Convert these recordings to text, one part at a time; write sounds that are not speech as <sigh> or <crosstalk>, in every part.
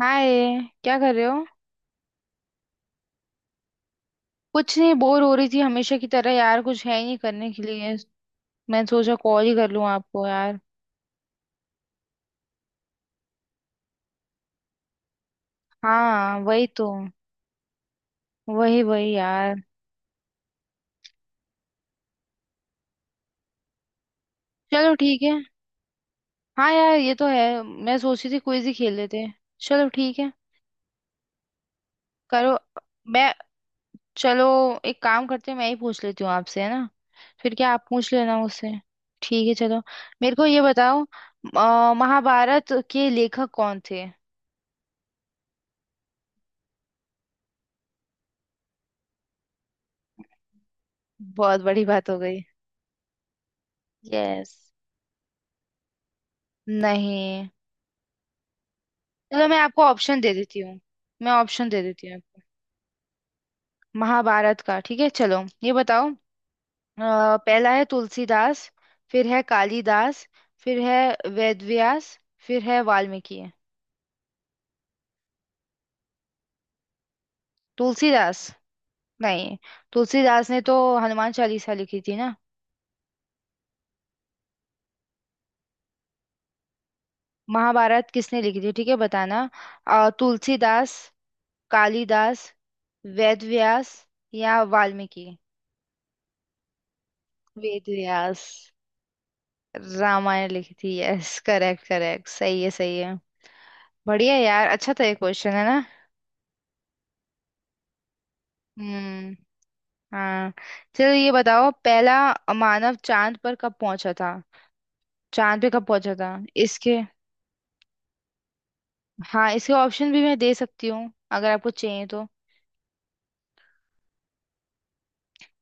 हाय, क्या कर रहे हो? कुछ नहीं, बोर हो रही थी हमेशा की तरह। यार कुछ है ही नहीं करने के लिए। मैं सोचा कॉल ही कर लूं आपको यार। हाँ वही तो। वही वही यार। चलो ठीक है। हाँ यार ये तो है, मैं सोच रही थी क्विज ही खेल लेते हैं। चलो ठीक है। करो। मैं। चलो। एक काम करते हैं, मैं ही पूछ लेती हूँ आपसे, है ना? फिर क्या आप पूछ लेना मुझसे। ठीक है चलो। मेरे को ये बताओ। महाभारत के लेखक कौन थे? बहुत बड़ी बात हो गई। यस। नहीं। चलो मैं आपको ऑप्शन दे देती हूँ। मैं ऑप्शन दे देती हूँ आपको। महाभारत का, ठीक है चलो ये बताओ। पहला है तुलसीदास, फिर है कालिदास, फिर है वेदव्यास, फिर है वाल्मीकि। तुलसीदास? नहीं, तुलसीदास ने तो हनुमान चालीसा लिखी थी ना। महाभारत किसने लिखी थी, ठीक है बताना। तुलसीदास, कालिदास, वेदव्यास या वाल्मीकि। वेदव्यास। रामायण लिखी थी, यस। करेक्ट करेक्ट, सही है सही है। बढ़िया यार, अच्छा था ये क्वेश्चन, है ना। हम्म, हाँ। चलो ये बताओ, पहला मानव चांद पर कब पहुंचा था? चांद पे कब पहुंचा था? इसके, हाँ इसके ऑप्शन भी मैं दे सकती हूँ अगर आपको चाहिए तो।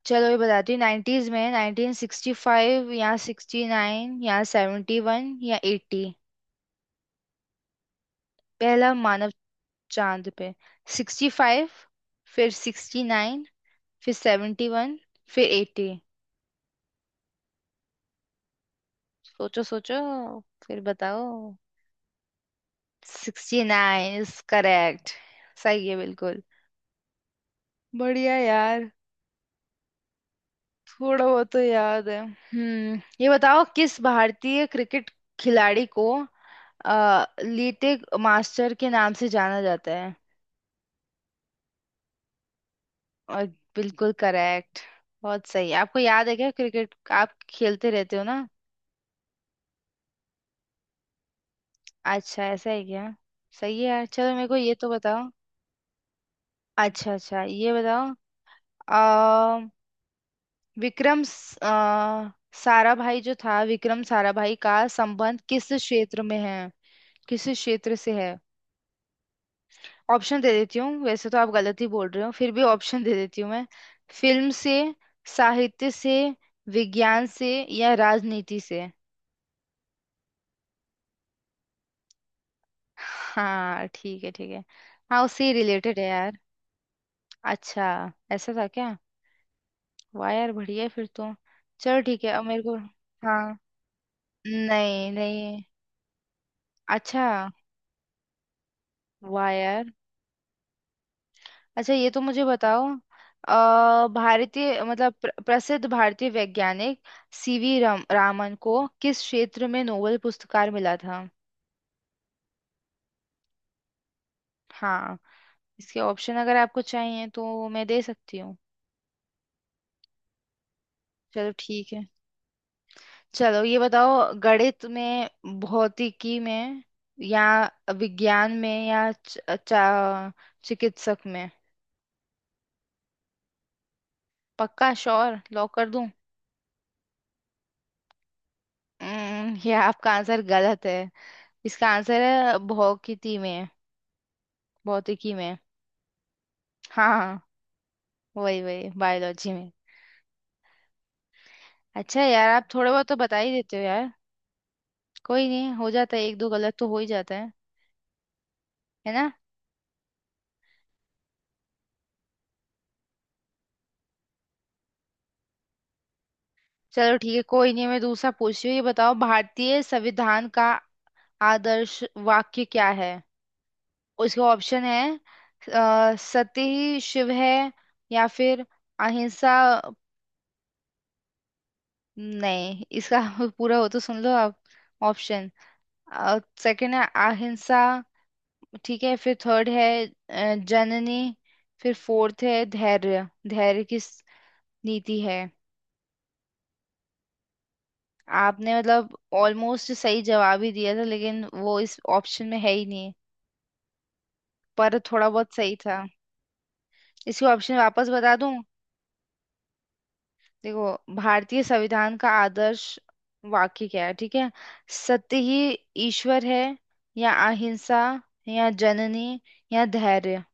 चलो ये बताती हूँ। नाइन्टीज में, 1965 या 69 या 71 या 80। पहला मानव चांद पे, 65, फिर 69, फिर 71, फिर 80। सोचो सोचो, फिर बताओ। 69 इज करेक्ट, सही है बिल्कुल। बढ़िया यार। थोड़ा बहुत तो याद है, हम्म। ये बताओ, किस भारतीय क्रिकेट खिलाड़ी को लीटे मास्टर के नाम से जाना जाता है? और, बिल्कुल करेक्ट। बहुत सही। आपको याद है क्या क्रिकेट? आप खेलते रहते हो ना। अच्छा ऐसा है क्या। सही है यार। चलो मेरे को ये तो बताओ। अच्छा अच्छा, ये बताओ। विक्रम स- अ, साराभाई जो था, विक्रम साराभाई का संबंध किस क्षेत्र में है? किस क्षेत्र से है? ऑप्शन दे देती हूँ, वैसे तो आप गलत ही बोल रहे हो, फिर भी ऑप्शन दे देती हूँ मैं। फिल्म से, साहित्य से, विज्ञान से या राजनीति से। हाँ ठीक है ठीक है। हाँ उससे ही रिलेटेड है यार। अच्छा, ऐसा था क्या। वाह यार, बढ़िया है फिर तो। चलो ठीक है। अब मेरे को, हाँ नहीं नहीं। अच्छा। वाह यार। अच्छा ये तो मुझे बताओ। भारतीय मतलब प्रसिद्ध भारतीय वैज्ञानिक रामन को किस क्षेत्र में नोबेल पुरस्कार मिला था? हाँ इसके ऑप्शन अगर आपको चाहिए तो मैं दे सकती हूँ। चलो ठीक है। चलो ये बताओ, गणित में, भौतिकी में, या विज्ञान में, या चा- चिकित्सक में। पक्का श्योर? लॉक कर दूं? हम्म। <laughs> ये आपका आंसर गलत है। इसका आंसर है भौतिकी में, भौतिकी में। हाँ हाँ, वही वही, बायोलॉजी में। अच्छा है यार, आप थोड़ा बहुत तो बता ही देते हो यार। कोई नहीं, हो जाता है, एक दो गलत तो हो ही जाता है ना। चलो ठीक है, कोई नहीं, मैं दूसरा पूछ रही हूँ। ये बताओ, भारतीय संविधान का आदर्श वाक्य क्या है? उसके ऑप्शन है, सत्य ही शिव है, या फिर अहिंसा। नहीं, इसका <laughs> पूरा हो तो सुन लो आप ऑप्शन। सेकंड है अहिंसा, ठीक है, फिर थर्ड है जननी, फिर फोर्थ है धैर्य धैर्य की स- नीति है। आपने मतलब ऑलमोस्ट सही जवाब ही दिया था, लेकिन वो इस ऑप्शन में है ही नहीं। पर थोड़ा बहुत सही था। इसके ऑप्शन वापस बता दूं। देखो, भारतीय संविधान का आदर्श वाक्य क्या है, ठीक है। सत्य ही ईश्वर है, या अहिंसा, या जननी, या धैर्य।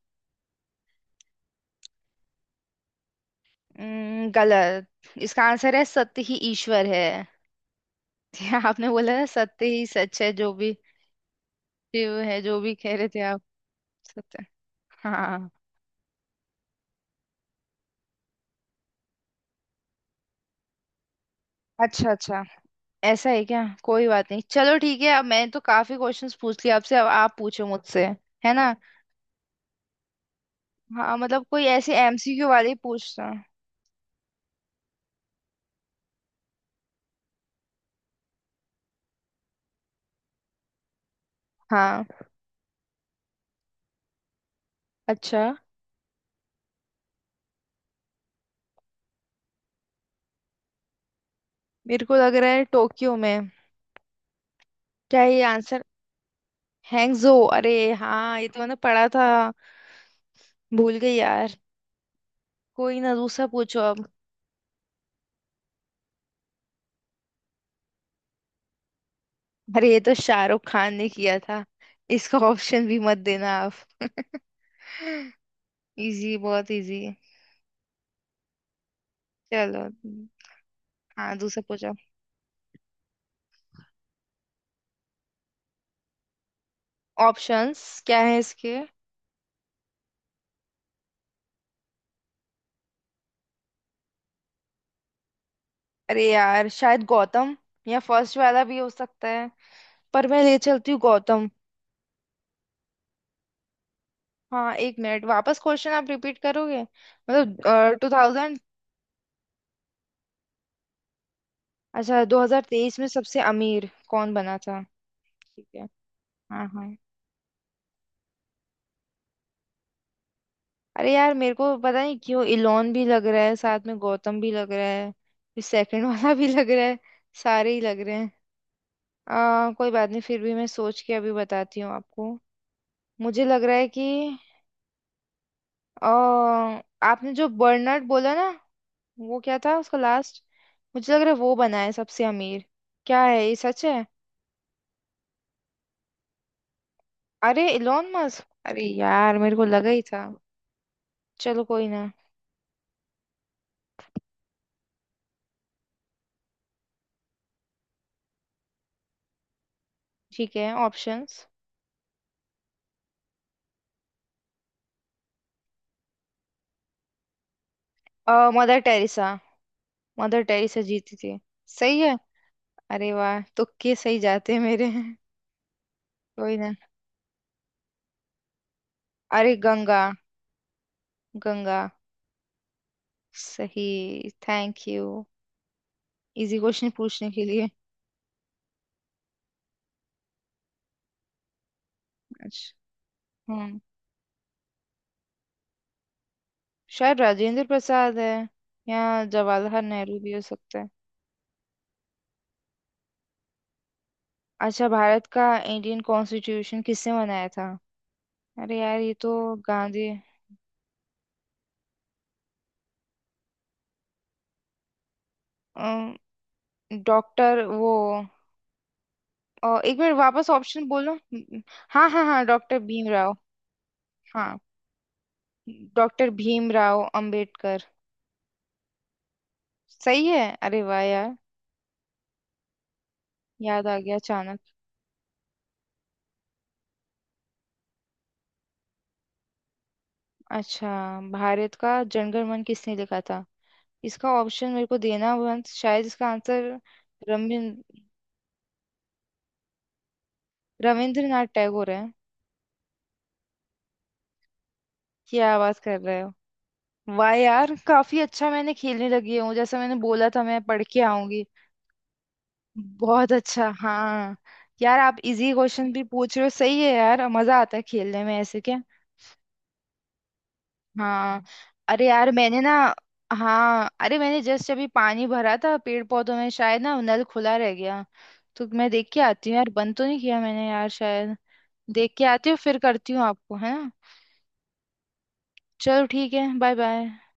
गलत। इसका आंसर है सत्य ही ईश्वर है। <laughs> क्या आपने बोला था, सत्य ही सच है जो भी, शिव है जो भी कह रहे थे आप। सत्य, हाँ। अच्छा अच्छा, ऐसा है क्या। कोई बात नहीं, चलो ठीक है। अब मैंने तो काफी क्वेश्चंस पूछ लिए आपसे, अब आप पूछो मुझसे, है ना। हाँ मतलब कोई ऐसे MCQ वाले पूछना। हाँ। अच्छा, मेरे को लग रहा है टोक्यो में। क्या, ये आंसर हैंगजो? अरे हाँ, ये तो मैंने पढ़ा था। भूल गई यार। कोई ना, दूसरा पूछो अब। अरे ये तो शाहरुख खान ने किया था। इसका ऑप्शन भी मत देना आप। <laughs> इजी, बहुत इजी। चलो। हाँ दूसरा पूछो। ऑप्शंस क्या है इसके? अरे यार शायद गौतम, या फर्स्ट वाला भी हो सकता है। पर मैं ले चलती हूँ गौतम। हाँ एक मिनट, वापस क्वेश्चन आप रिपीट करोगे? मतलब 2000। अच्छा, 2023 में सबसे अमीर कौन बना था? ठीक है। हाँ हाँ। अरे यार मेरे को पता नहीं क्यों इलोन भी लग रहा है, साथ में गौतम भी लग रहा है, फिर सेकंड <laughs> वाला भी लग रहा है, सारे ही लग रहे हैं। कोई बात नहीं, फिर भी मैं सोच के अभी बताती हूँ आपको। मुझे लग रहा है कि आ, आपने जो बर्नर्ड बोला ना, वो क्या था उसका लास्ट। मुझे लग रहा है वो बना है सबसे अमीर। क्या है, ये सच है? अरे इलोन मस्क, अरे यार मेरे को लगा ही था। चलो कोई ना। ठीक है। Options. Mother Teresa. Mother Teresa जीती थी। सही है। अरे वाह, तुक्के सही जाते हैं मेरे। कोई ना। अरे गंगा, गंगा। सही। थैंक यू इजी क्वेश्चन पूछने के लिए। अच्छा। हम्म, शायद राजेंद्र प्रसाद है, या जवाहरलाल नेहरू भी हो सकता है। अच्छा, भारत का इंडियन कॉन्स्टिट्यूशन किसने बनाया था? अरे यार ये तो गांधी। डॉक्टर वो, एक बार वापस ऑप्शन बोलो। हाँ हाँ हाँ, डॉक्टर भीमराव। हाँ डॉक्टर भीमराव अंबेडकर। सही है अरे वाह यार। याद आ गया अचानक। अच्छा, भारत का जनगण मन किसने लिखा था? इसका ऑप्शन मेरे को देना। वंश शायद इसका आंसर। रमिन- रविंद्रनाथ टैगोर है। क्या आवाज कर रहे हो। वाह यार काफी अच्छा मैंने खेलने लगी हूँ, जैसा मैंने बोला था मैं पढ़ के आऊंगी। बहुत अच्छा, हाँ। यार आप इजी क्वेश्चन भी पूछ रहे हो, सही है यार, मजा आता है खेलने में ऐसे, क्या। हाँ। अरे यार मैंने ना, हाँ, अरे मैंने जस्ट अभी पानी भरा था पेड़ पौधों में, शायद ना नल खुला रह गया, तो मैं देख के आती हूँ यार। बंद तो नहीं किया मैंने यार शायद। देख के आती हूँ, फिर करती हूँ आपको, है ना। चलो ठीक है, बाय बाय।